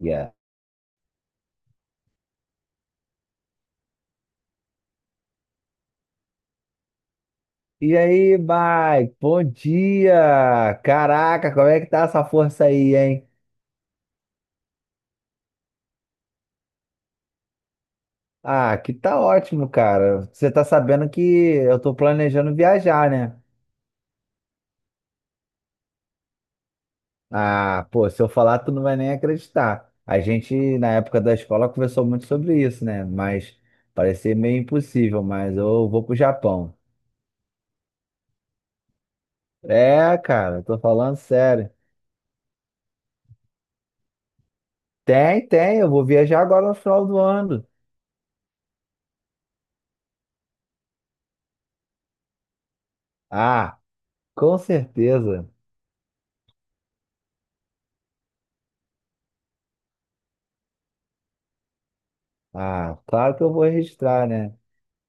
Yeah. E aí, Mike? Bom dia! Caraca, como é que tá essa força aí, hein? Ah, que tá ótimo, cara. Você tá sabendo que eu tô planejando viajar, né? Ah, pô, se eu falar, tu não vai nem acreditar. A gente, na época da escola, conversou muito sobre isso, né? Mas parecia meio impossível, mas eu vou pro Japão. É, cara, eu tô falando sério. Tem, tem, eu vou viajar agora no final do ano. Ah, com certeza. Ah, claro que eu vou registrar, né?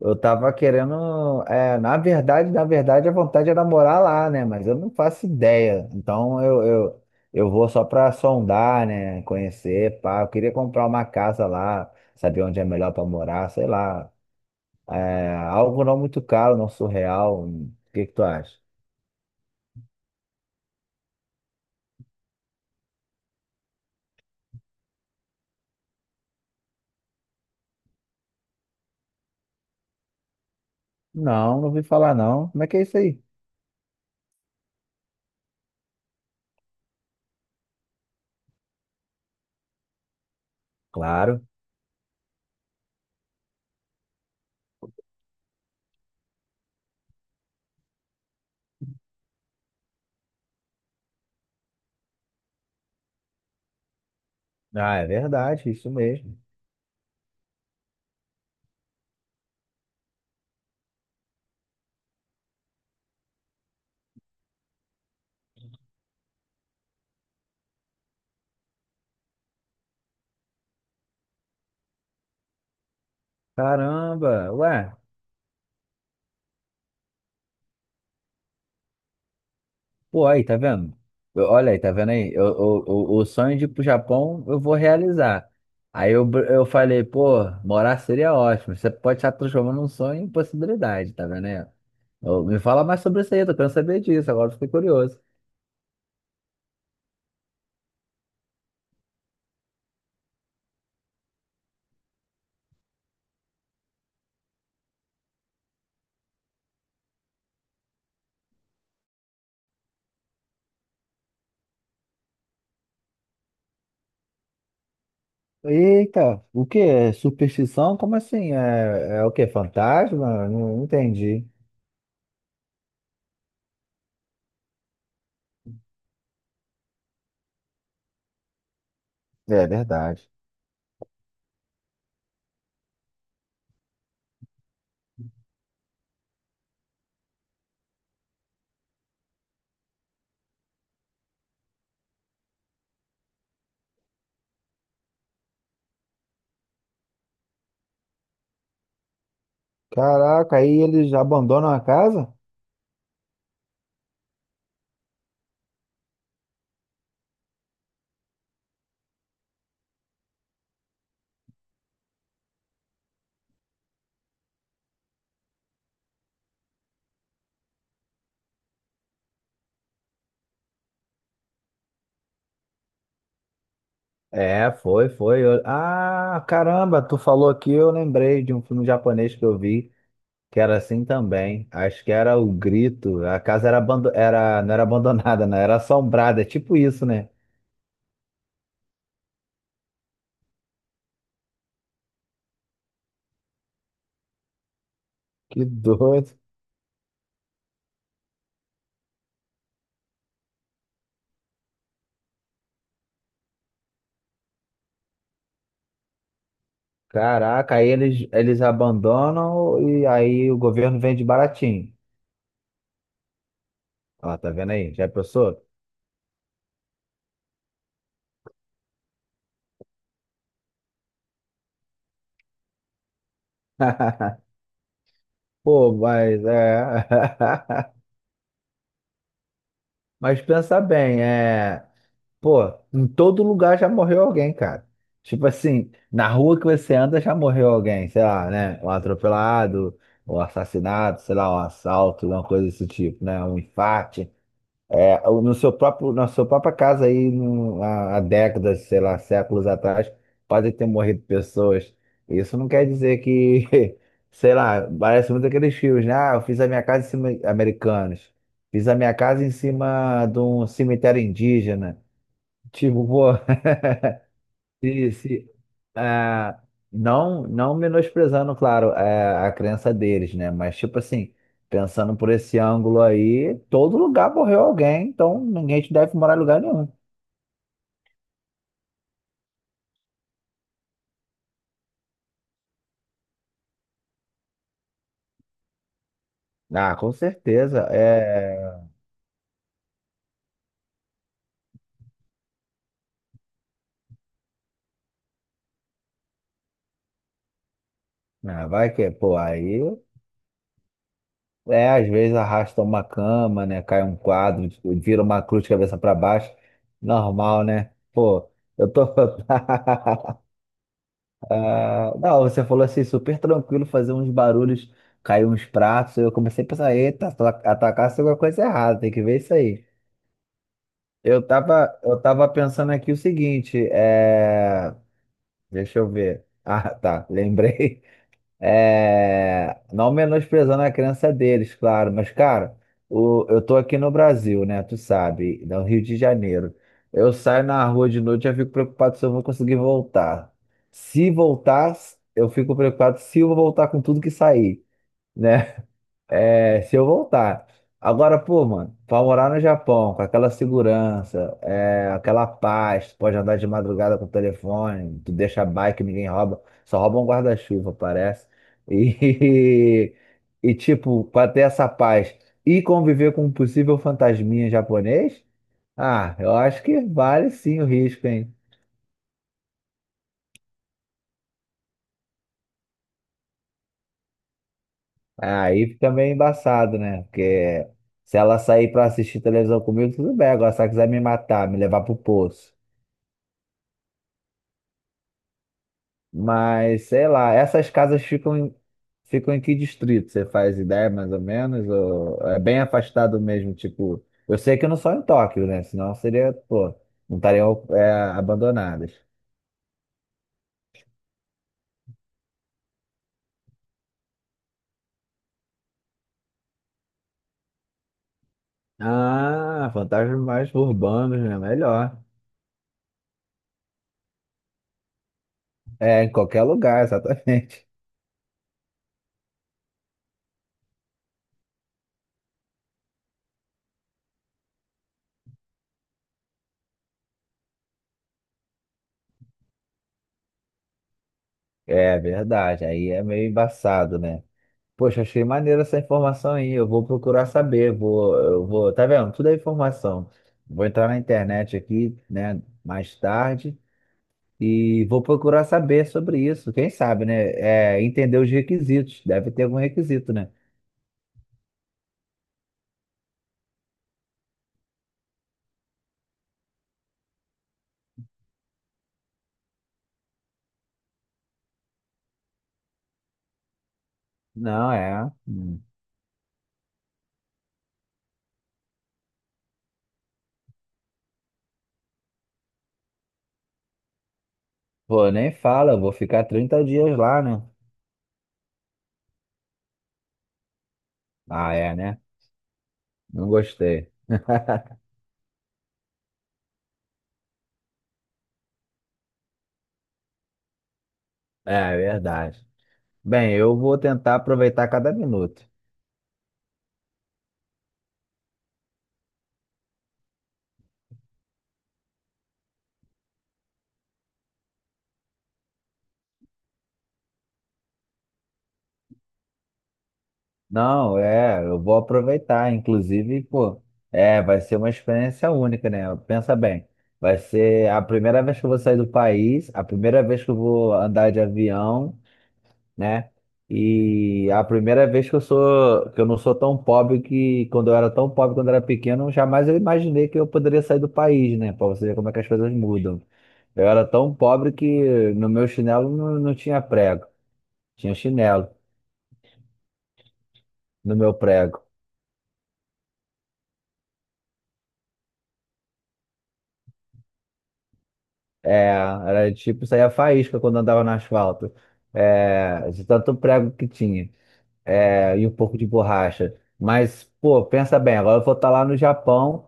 Eu tava querendo, é, na verdade, a vontade era morar lá, né? Mas eu não faço ideia. Então eu vou só pra sondar, né? Conhecer, pá. Eu queria comprar uma casa lá, saber onde é melhor pra morar, sei lá. É, algo não muito caro, não surreal. O que que tu acha? Não, não ouvi falar não. Como é que é isso aí? Claro. Ah, é verdade, isso mesmo. Caramba, ué. Pô, aí, tá vendo? Olha aí, tá vendo aí? O sonho de ir pro Japão eu vou realizar. Aí eu, eu falei, pô, morar seria ótimo. Você pode estar transformando um sonho em possibilidade, tá vendo aí? Me fala mais sobre isso aí, tô querendo saber disso, agora eu fiquei curioso. Eita, o que é superstição? Como assim? É, é o que? Fantasma? Não, não entendi. É verdade. Caraca, aí eles abandonam a casa? É, foi, foi. Ah, caramba, tu falou aqui, eu lembrei de um filme japonês que eu vi, que era assim também. Acho que era O Grito. A casa era, abando... era... não era abandonada, não, era assombrada, é tipo isso, né? Que doido. Caraca, aí eles abandonam e aí o governo vende baratinho. Ó, tá vendo aí? Já pensou? Pô, mas é. Mas pensa bem, é. Pô, em todo lugar já morreu alguém, cara. Tipo assim, na rua que você anda já morreu alguém, sei lá, né? Um atropelado, um assassinato, sei lá, um assalto, uma coisa desse tipo, né? Um infarte. É, no seu próprio, na sua própria casa aí, no, há décadas, sei lá, séculos atrás, podem ter morrido pessoas. Isso não quer dizer que, sei lá, parece muito aqueles filmes, né? Ah, eu fiz a minha casa em cima, americanos. Fiz a minha casa em cima de um cemitério indígena. Tipo, pô, se, ah, não, não menosprezando, claro, a crença deles, né? Mas, tipo assim, pensando por esse ângulo aí, todo lugar morreu alguém, então ninguém te deve morar em lugar nenhum. Ah, com certeza. É, ah, vai que, pô, aí, é, às vezes arrasta uma cama, né? Cai um quadro, vira uma cruz de cabeça para baixo. Normal, né? Pô, eu tô. Ah, não, você falou assim, super tranquilo, fazer uns barulhos, cair uns pratos. Eu comecei a pensar, eita, atacar se alguma coisa errada, tem que ver isso aí. Eu tava pensando aqui o seguinte, é... deixa eu ver. Ah, tá, lembrei. É, não menosprezando a crença deles, claro, mas, cara, eu tô aqui no Brasil, né? Tu sabe, no Rio de Janeiro. Eu saio na rua de noite, e eu fico preocupado se eu vou conseguir voltar. Se voltar, eu fico preocupado se eu vou voltar com tudo que sair, né? É, se eu voltar. Agora, pô, mano, pra morar no Japão, com aquela segurança, é, aquela paz, tu pode andar de madrugada com o telefone, tu deixa a bike, ninguém rouba, só rouba um guarda-chuva, parece. E, e, tipo, pra ter essa paz e conviver com um possível fantasminha japonês, ah, eu acho que vale sim o risco, hein? Aí fica meio embaçado, né? Porque se ela sair pra assistir televisão comigo, tudo bem, agora se ela quiser me matar, me levar pro poço. Mas, sei lá, essas casas ficam em que distrito? Você faz ideia, mais ou menos? Ou é bem afastado mesmo, tipo... Eu sei que eu não só em Tóquio, né? Senão seria, pô, não estariam é, abandonadas. Ah, fantasmas mais urbanos, né? Melhor. É, em qualquer lugar, exatamente. É verdade, aí é meio embaçado, né? Poxa, achei maneiro essa informação aí. Eu vou procurar saber. Vou, eu vou, tá vendo? Tudo é informação. Vou entrar na internet aqui, né, mais tarde e vou procurar saber sobre isso. Quem sabe, né? É, entender os requisitos. Deve ter algum requisito, né? Não, é. Hum. Pô, nem fala. Eu vou ficar 30 dias lá, né? Ah, é, né? Não gostei. É, é verdade. Bem, eu vou tentar aproveitar cada minuto. Não, é, eu vou aproveitar. Inclusive, pô, é, vai ser uma experiência única, né? Pensa bem, vai ser a primeira vez que eu vou sair do país, a primeira vez que eu vou andar de avião, né? E a primeira vez que eu sou, que eu não sou tão pobre que quando eu era tão pobre quando eu era pequeno, jamais eu imaginei que eu poderia sair do país, né? Pra você ver como é que as coisas mudam. Eu era tão pobre que no meu chinelo não tinha prego, tinha chinelo no meu prego. É, era tipo, saía faísca quando andava no asfalto. É, de tanto prego que tinha. É, e um pouco de borracha. Mas, pô, pensa bem, agora eu vou estar lá no Japão,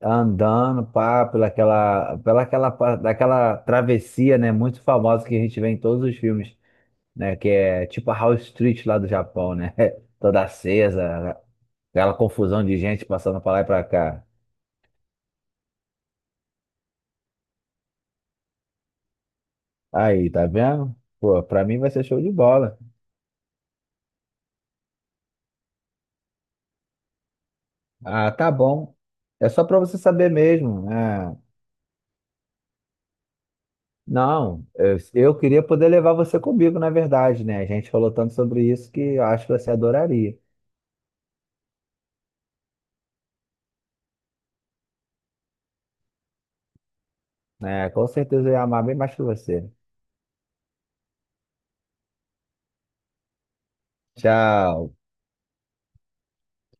andando, pá, pelaquela, daquela travessia, né, muito famosa que a gente vê em todos os filmes, né, que é tipo a House Street lá do Japão, né? Toda acesa, aquela confusão de gente passando pra lá e pra cá. Aí, tá vendo? Pô, pra mim vai ser show de bola. Ah, tá bom. É só para você saber mesmo, né? Não, eu queria poder levar você comigo, na verdade, né? A gente falou tanto sobre isso que eu acho que você adoraria, né? Com certeza eu ia amar bem mais que você. Tchau.